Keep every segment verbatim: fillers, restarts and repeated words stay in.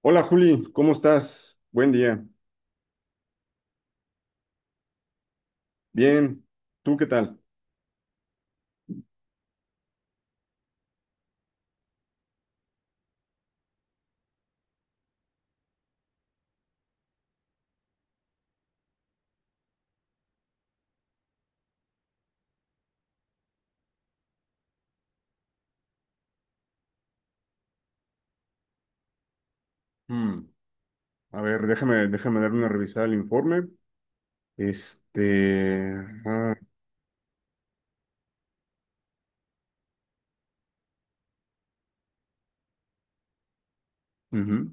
Hola Juli, ¿cómo estás? Buen día. Bien, ¿tú qué tal? Hmm. A ver, déjame, déjame dar una revisada al informe. Este, ah, ujú.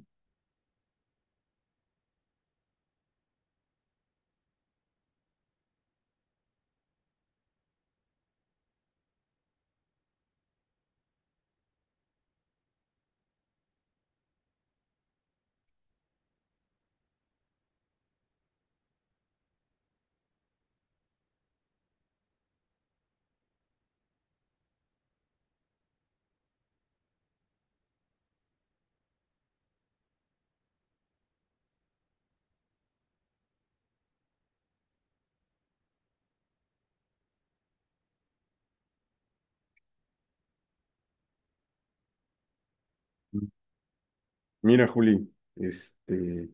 Mira Juli, este,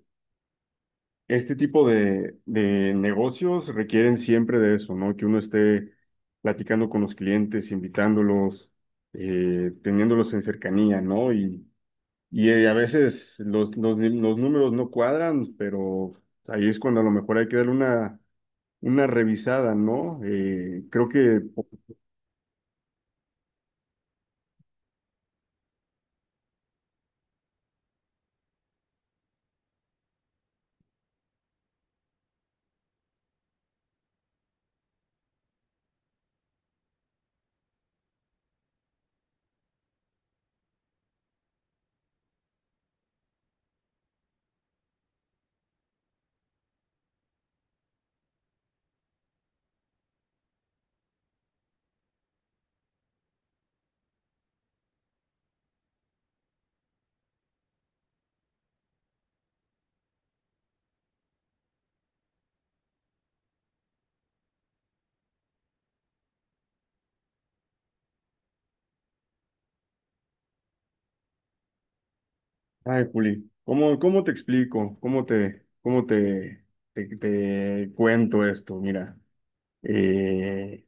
este tipo de, de negocios requieren siempre de eso, ¿no? Que uno esté platicando con los clientes, invitándolos, eh, teniéndolos en cercanía, ¿no? Y, y eh, a veces los, los los números no cuadran, pero ahí es cuando a lo mejor hay que darle una una revisada, ¿no? Eh, creo que, ay, Juli, ¿cómo, cómo te explico? ¿Cómo te, cómo te, te, te cuento esto? Mira, eh,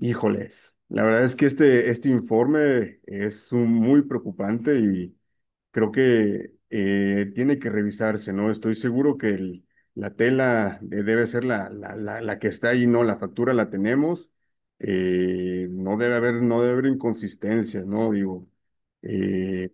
híjoles, la verdad es que este, este informe es un- muy preocupante y creo que eh, tiene que revisarse, ¿no? Estoy seguro que el- la tela de- debe ser la, la, la, la que está ahí, ¿no? La factura la tenemos, eh, no debe haber, no debe haber inconsistencias, ¿no? Digo, eh,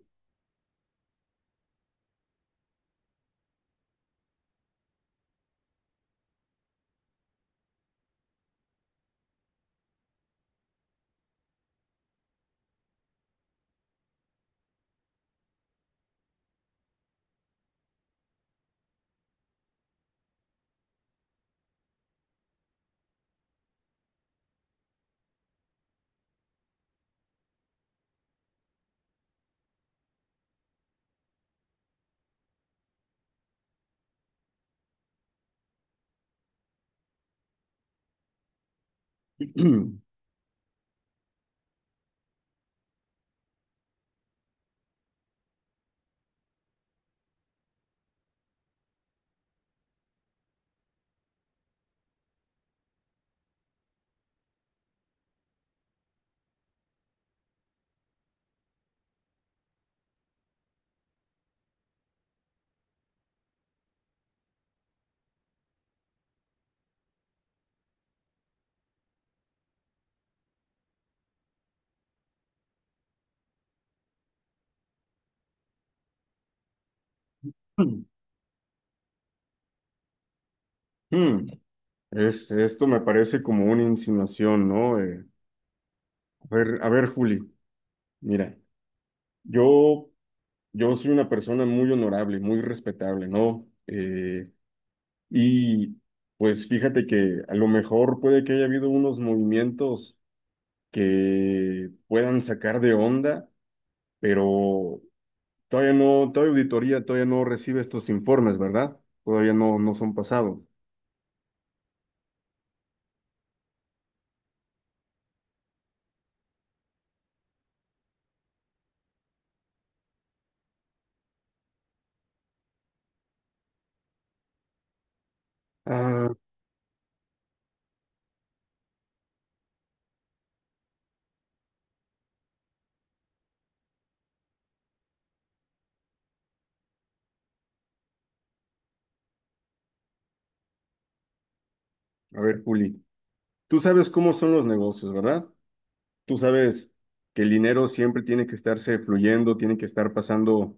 mm, es, esto me parece como una insinuación, ¿no? Eh, a ver, a ver, Juli, mira, yo... Yo soy una persona muy honorable, muy respetable, ¿no? Eh, y pues fíjate que a lo mejor puede que haya habido unos movimientos que puedan sacar de onda, pero todavía no, todavía auditoría todavía no recibe estos informes, ¿verdad? Todavía no, no son pasados. Ah, a ver, Juli, tú sabes cómo son los negocios, ¿verdad? Tú sabes que el dinero siempre tiene que estarse fluyendo, tiene que estar pasando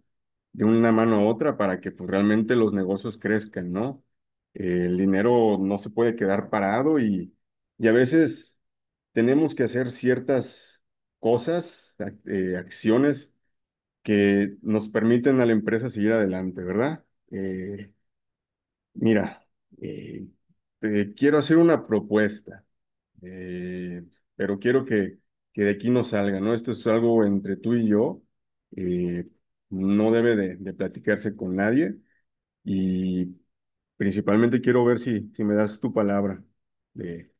de una mano a otra para que pues, realmente los negocios crezcan, ¿no? Eh, el dinero no se puede quedar parado y, y a veces tenemos que hacer ciertas cosas, ac- eh, acciones que nos permiten a la empresa seguir adelante, ¿verdad? Eh, mira, eh, te quiero hacer una propuesta eh, pero quiero que, que de aquí no salga, ¿no? Esto es algo entre tú y yo, eh, no debe de, de platicarse con nadie y principalmente quiero ver si, si me das tu palabra de,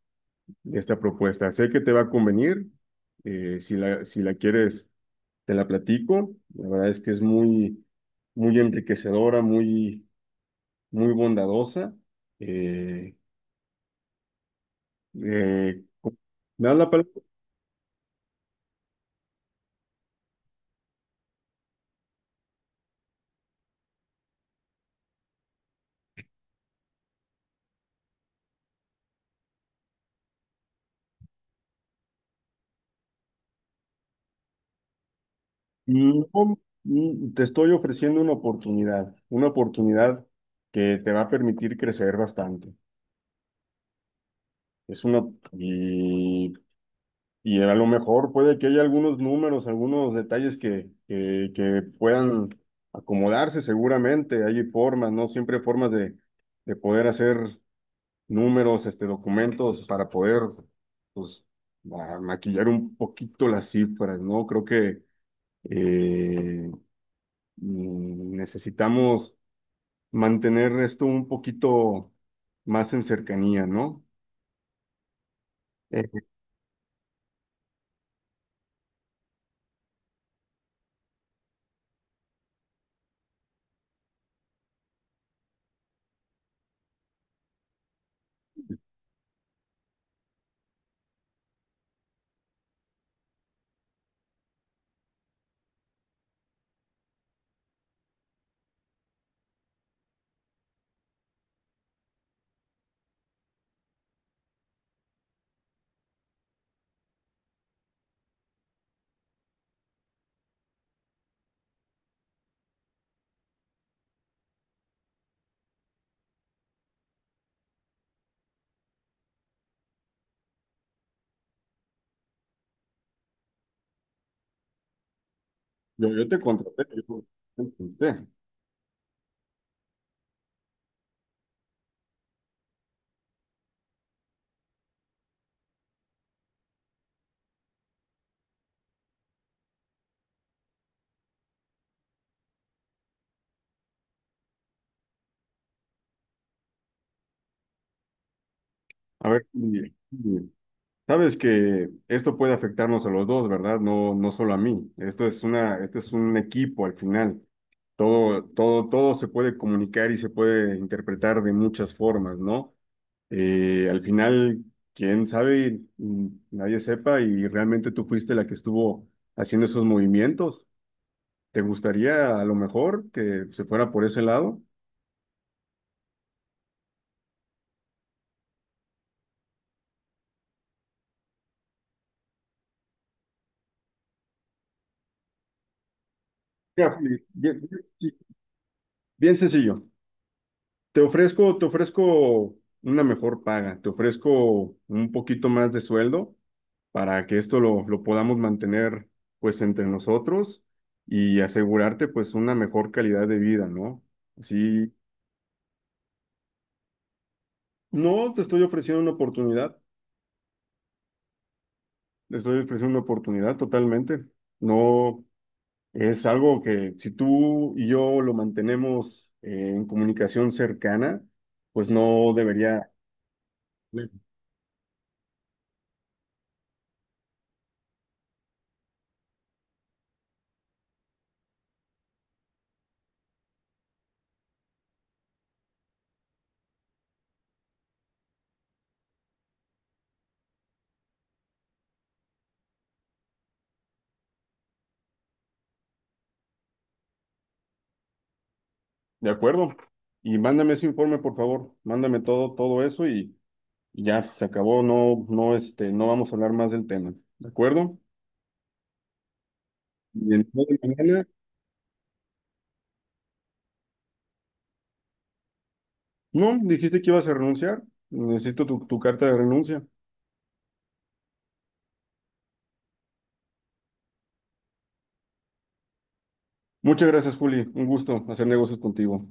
de esta propuesta. Sé que te va a convenir, eh, si la, si la quieres, te la platico. La verdad es que es muy, muy enriquecedora, muy, muy bondadosa. Eh, eh, ¿me das la palabra? No, mm, te estoy ofreciendo una oportunidad, una oportunidad que te va a permitir crecer bastante. Es una, y, y a lo mejor puede que haya algunos números, algunos detalles que, que, que puedan acomodarse seguramente. Hay formas, ¿no? Siempre hay formas de, de poder hacer números, este, documentos para poder, pues, ma- maquillar un poquito las cifras, ¿no? Creo que eh, mm, necesitamos mantener esto un poquito más en cercanía, ¿no? Eh, Yo, yo te contraté, yo te contraté. A ver, y- y sabes que esto puede afectarnos a los dos, ¿verdad? No, no solo a mí. Esto es una, esto es un equipo al final. Todo, todo, todo se puede comunicar y se puede interpretar de muchas formas, ¿no? Eh, al final, quién sabe. Mm, nadie sepa, y realmente tú fuiste la que estuvo haciendo esos movimientos. ¿Te gustaría a lo mejor que se fuera por ese lado? Mira, bien, bien- bien sencillo. Te ofrezco, te ofrezco una mejor paga, te ofrezco un poquito más de sueldo para que esto lo, lo podamos mantener pues entre nosotros y asegurarte pues una mejor calidad de vida, ¿no? Así, no te estoy ofreciendo una oportunidad, te estoy ofreciendo una oportunidad totalmente. No, es algo que si tú y yo lo mantenemos eh, en comunicación cercana, pues no debería. Sí. De acuerdo. Y mándame ese informe, por favor. Mándame todo, todo eso y, y ya, se acabó. No, no, este, no vamos a hablar más del tema. ¿De acuerdo? Y el día de mañana, no, dijiste que ibas a renunciar. Necesito tu, tu carta de renuncia. Muchas gracias, Juli. Un gusto hacer negocios contigo.